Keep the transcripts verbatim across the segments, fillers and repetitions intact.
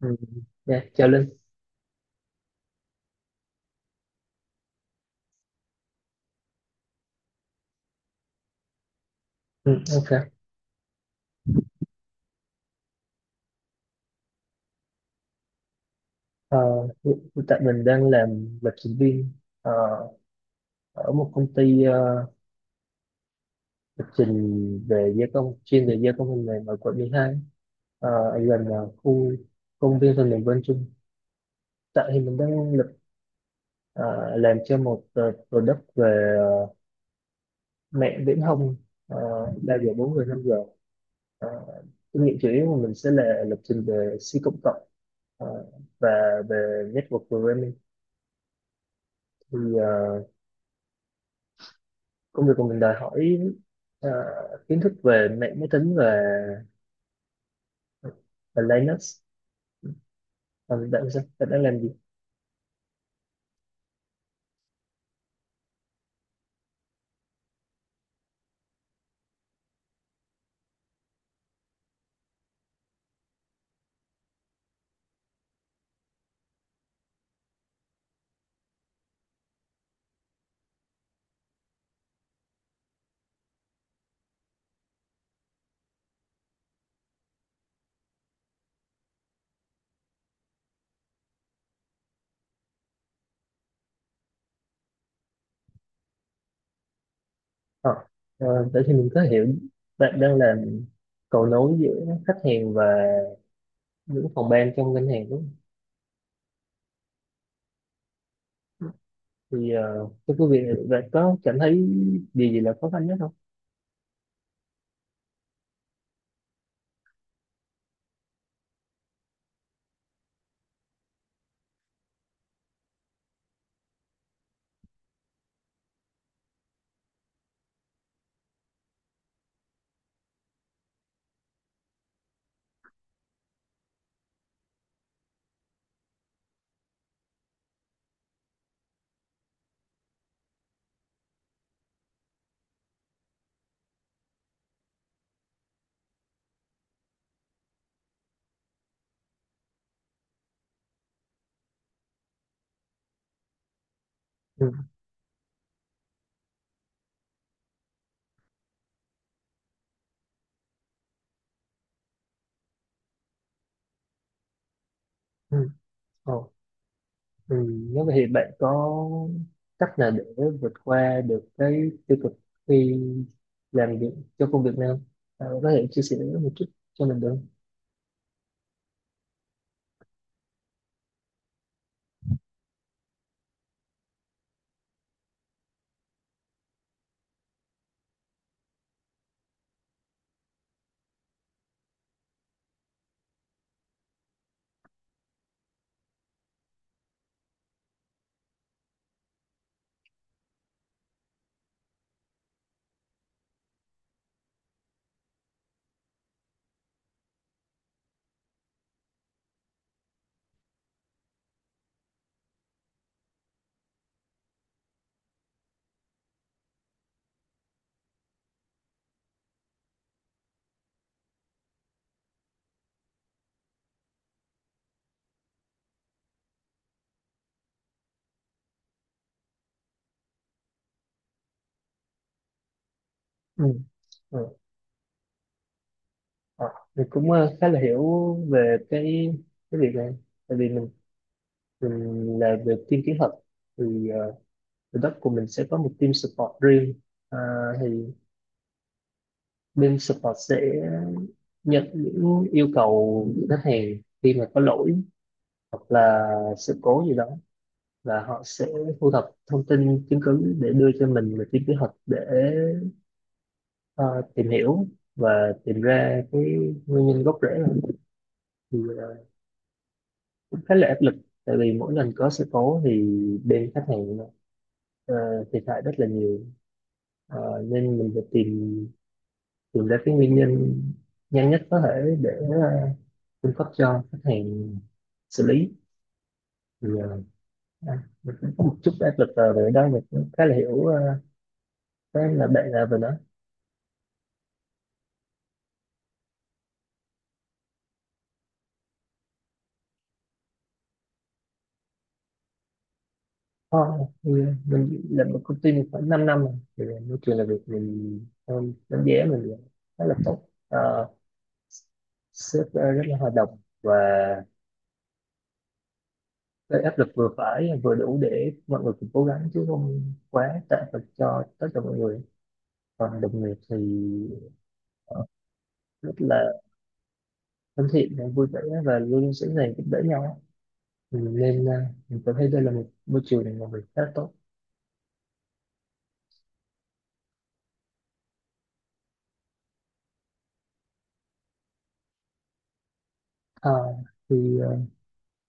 Ừ, dạ, chào Linh. Ừ, ok. Ờ, Hiện tại mình đang làm lập trình viên ờ, ở một công ty ờ, lập trình về gia công, chuyên về gia công phần mềm ở quận mười hai ờ, ở gần ờ, khu công viên phần mềm Vân Trung. Tại thì mình đang lập ờ, làm cho một ờ, product về ờ, mẹ viễn thông ờ, ba giờ bốn giờ năm giờ. Ờ, Kinh nghiệm chủ yếu của mình sẽ là lập trình về C cộng cộng ờ, và về network programming. Thì ờ, công việc của mình đòi hỏi ờ, kiến thức về mạng máy tính và và Linux. Còn bạn, sao bạn đang làm gì? Ờ, ờ, Vậy thì mình có hiểu bạn đang làm cầu nối giữa khách hàng và những phòng ban trong ngân hàng, đúng không? Thì ờ, trong công việc này bạn có cảm thấy điều gì là khó khăn nhất không? Ừ. Ừ. Ờ. Ừ, nếu vậy thì bạn có cách nào để vượt qua được cái tiêu cực khi làm việc cho công việc này không? Bạn có thể chia sẻ một chút cho mình được không? Ừ. Ừ. Ờ, Mình cũng ờ, khá là hiểu về cái cái việc này, tại vì mình mình là về team kỹ thuật, thì uh, ở đất của mình sẽ có một team support riêng. Ờ, thì bên support sẽ nhận những yêu cầu của khách hàng khi mà có lỗi hoặc là sự cố gì đó, và họ sẽ thu thập thông tin chứng cứ để đưa cho mình một cái kế hoạch để ờ, tìm hiểu và tìm ra cái nguyên nhân gốc rễ này. Thì ờ, cũng khá là áp lực tại vì mỗi lần có sự cố thì bên khách hàng ờ, thiệt hại rất là nhiều. Ờ, nên mình phải tìm tìm ra cái nguyên nhân nhanh nhất có thể để ờ, cung cấp cho khách hàng xử lý. Thì ờ, à, mình cũng có một chút áp lực ờ, về đó. Mình cũng khá là hiểu ờ, cái là bạn là về nó. Ờ, thì mình làm một công ty, mình khoảng 5 năm rồi thì môi trường làm việc, mình um, đánh giá mình là khá là tốt. Ờ, Sếp ờ, rất là hòa đồng, và cái áp lực vừa phải vừa đủ để mọi người cùng cố gắng chứ không quá tệ thật cho tất cả mọi người. Còn đồng nghiệp thì ờ, rất là thân thiện và vui vẻ và luôn luôn sẵn sàng giúp đỡ nhau. Ừ, nên ờ, mình cảm thấy đây là một môi trường làm việc khá tốt. Ờ, thì ờ,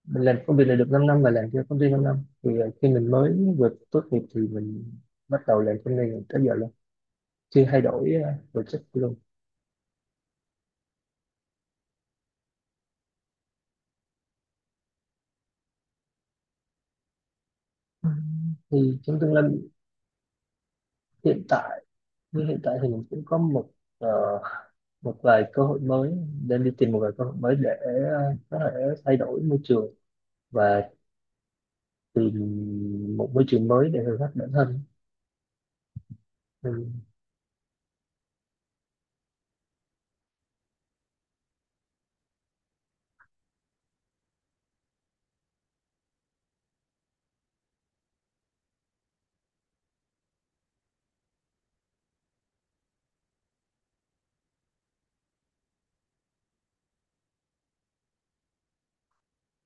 mình làm công việc này được 5 năm và làm cho công ty 5 năm. Thì ờ, khi mình mới vừa tốt nghiệp thì mình bắt đầu làm công ty này tới giờ luôn, chưa thay đổi ờ, project luôn. Ừ. Thì trong tương lai, hiện tại như hiện tại thì mình cũng có một ờ, một vài cơ hội mới, nên đi tìm một vài cơ hội mới để ờ, có thể thay đổi môi trường và tìm một môi trường mới để thử thách bản thân. Ừ.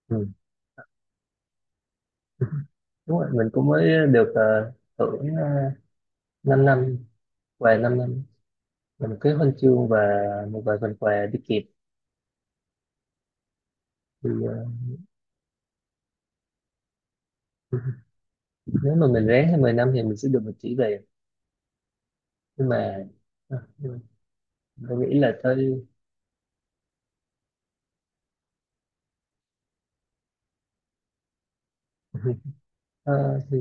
Ừ. Đúng rồi, mình cũng mới được uh, hưởng uh, 5 năm, và 5 năm mình cứ huân chương và một vài phần quà đi kịp thì ờ, nếu mà mình ráng hai mươi năm thì mình sẽ được một chỉ về. Nhưng mà ờ, mình nghĩ là thôi. ờ, thì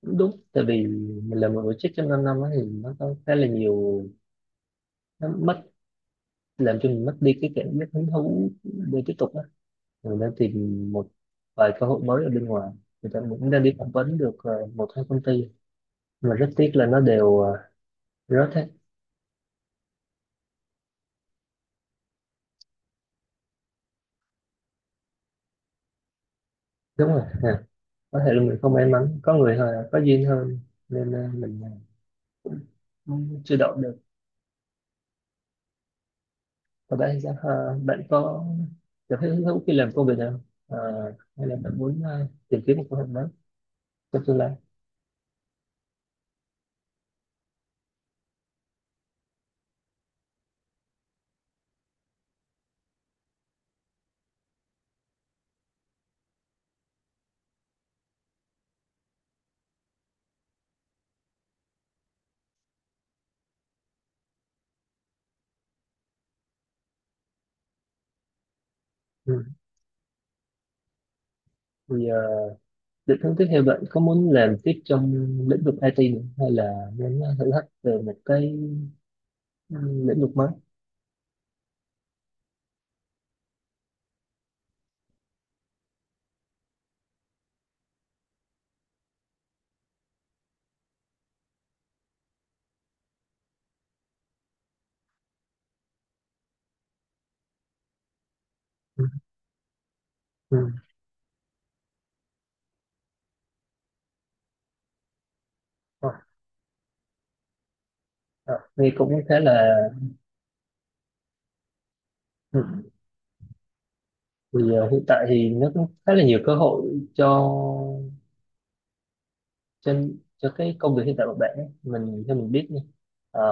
cũng đúng, tại vì mình làm một tổ chức trong 5 năm á thì nó có khá là nhiều, nó mất, làm cho mình mất đi cái cảm giác hứng thú để tiếp tục á. Mình đang tìm một vài cơ hội mới ở bên ngoài, người ta cũng đang đi phỏng vấn được ờ, một hai công ty mà rất tiếc là nó đều ờ, rớt hết. Đúng rồi. À, có thể là mình không may mắn, có người hơn có duyên hơn nên ờ, mình ờ, chưa đậu được. Và bạn thì sao? Ờ, Bạn có cảm thấy hứng thú khi làm công việc nào, Ờ, hay là bạn muốn ờ, tìm kiếm một công việc mới trong tương lai? Ừ. Thì ờ, định hướng tiếp theo bạn có muốn làm tiếp trong lĩnh vực i tê nữa, hay là muốn ờ, thử thách về một cái ừ, lĩnh vực mới? Ừ. Ừ. Ờ, ờ, Nghe cũng khá là. Ừ. Thì ờ, hiện tại thì nó cũng khá là nhiều cơ hội cho trên cho cái công việc hiện tại của bạn ấy, mình theo mình biết nha. ờ,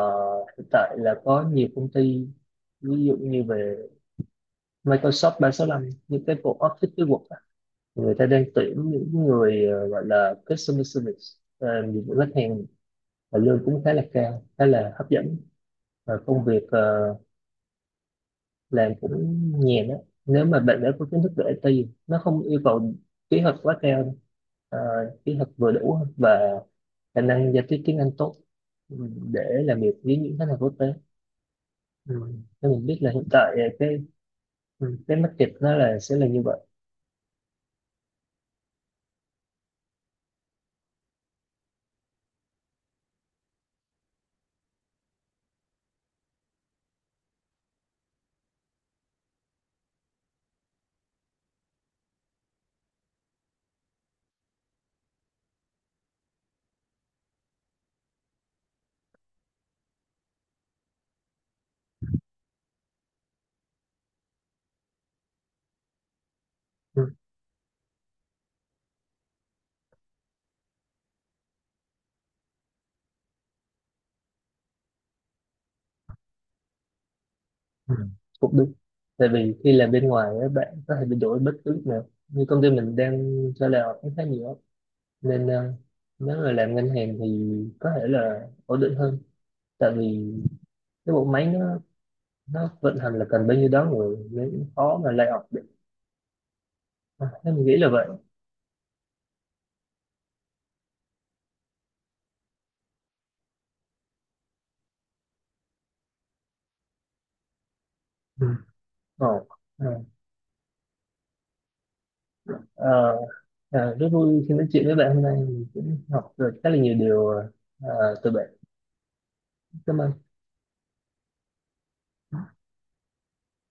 Hiện tại là có nhiều công ty, ví dụ như về Microsoft ba sáu năm, những cái bộ Office, cái Word á, người ta đang tuyển những người ờ, gọi là customer service, làm dịch vụ khách hàng, và lương cũng khá là cao, khá là hấp dẫn, và công việc ờ, làm cũng nhàn á. Nếu mà bạn đã có kiến thức về ai ti, nó không yêu cầu kỹ thuật quá cao đâu. Ờ, Kỹ thuật vừa đủ và khả năng giao tiếp tiếng Anh tốt, ừ, để làm việc với những khách hàng quốc tế. Ừ. Thế mình biết là hiện tại ờ, cái ừ, cái market nó là sẽ là như vậy. Ừ. Ừ. Cũng đúng, tại vì khi làm bên ngoài á, bạn có thể bị đổi bất cứ lúc nào như công ty mình đang cho là cũng khá nhiều á. Nên ờ, nếu mà làm ngân hàng thì có thể là ổn định hơn, tại vì cái bộ máy nó nó vận hành là cần bao nhiêu đó người nên khó mà lay off được. À, thế mình nghĩ là vậy. Ừ. Ồ. Ừ. Ờ, À, rất vui khi nói chuyện với bạn hôm nay, mình cũng học được khá là nhiều điều à, từ bạn. Cảm ơn.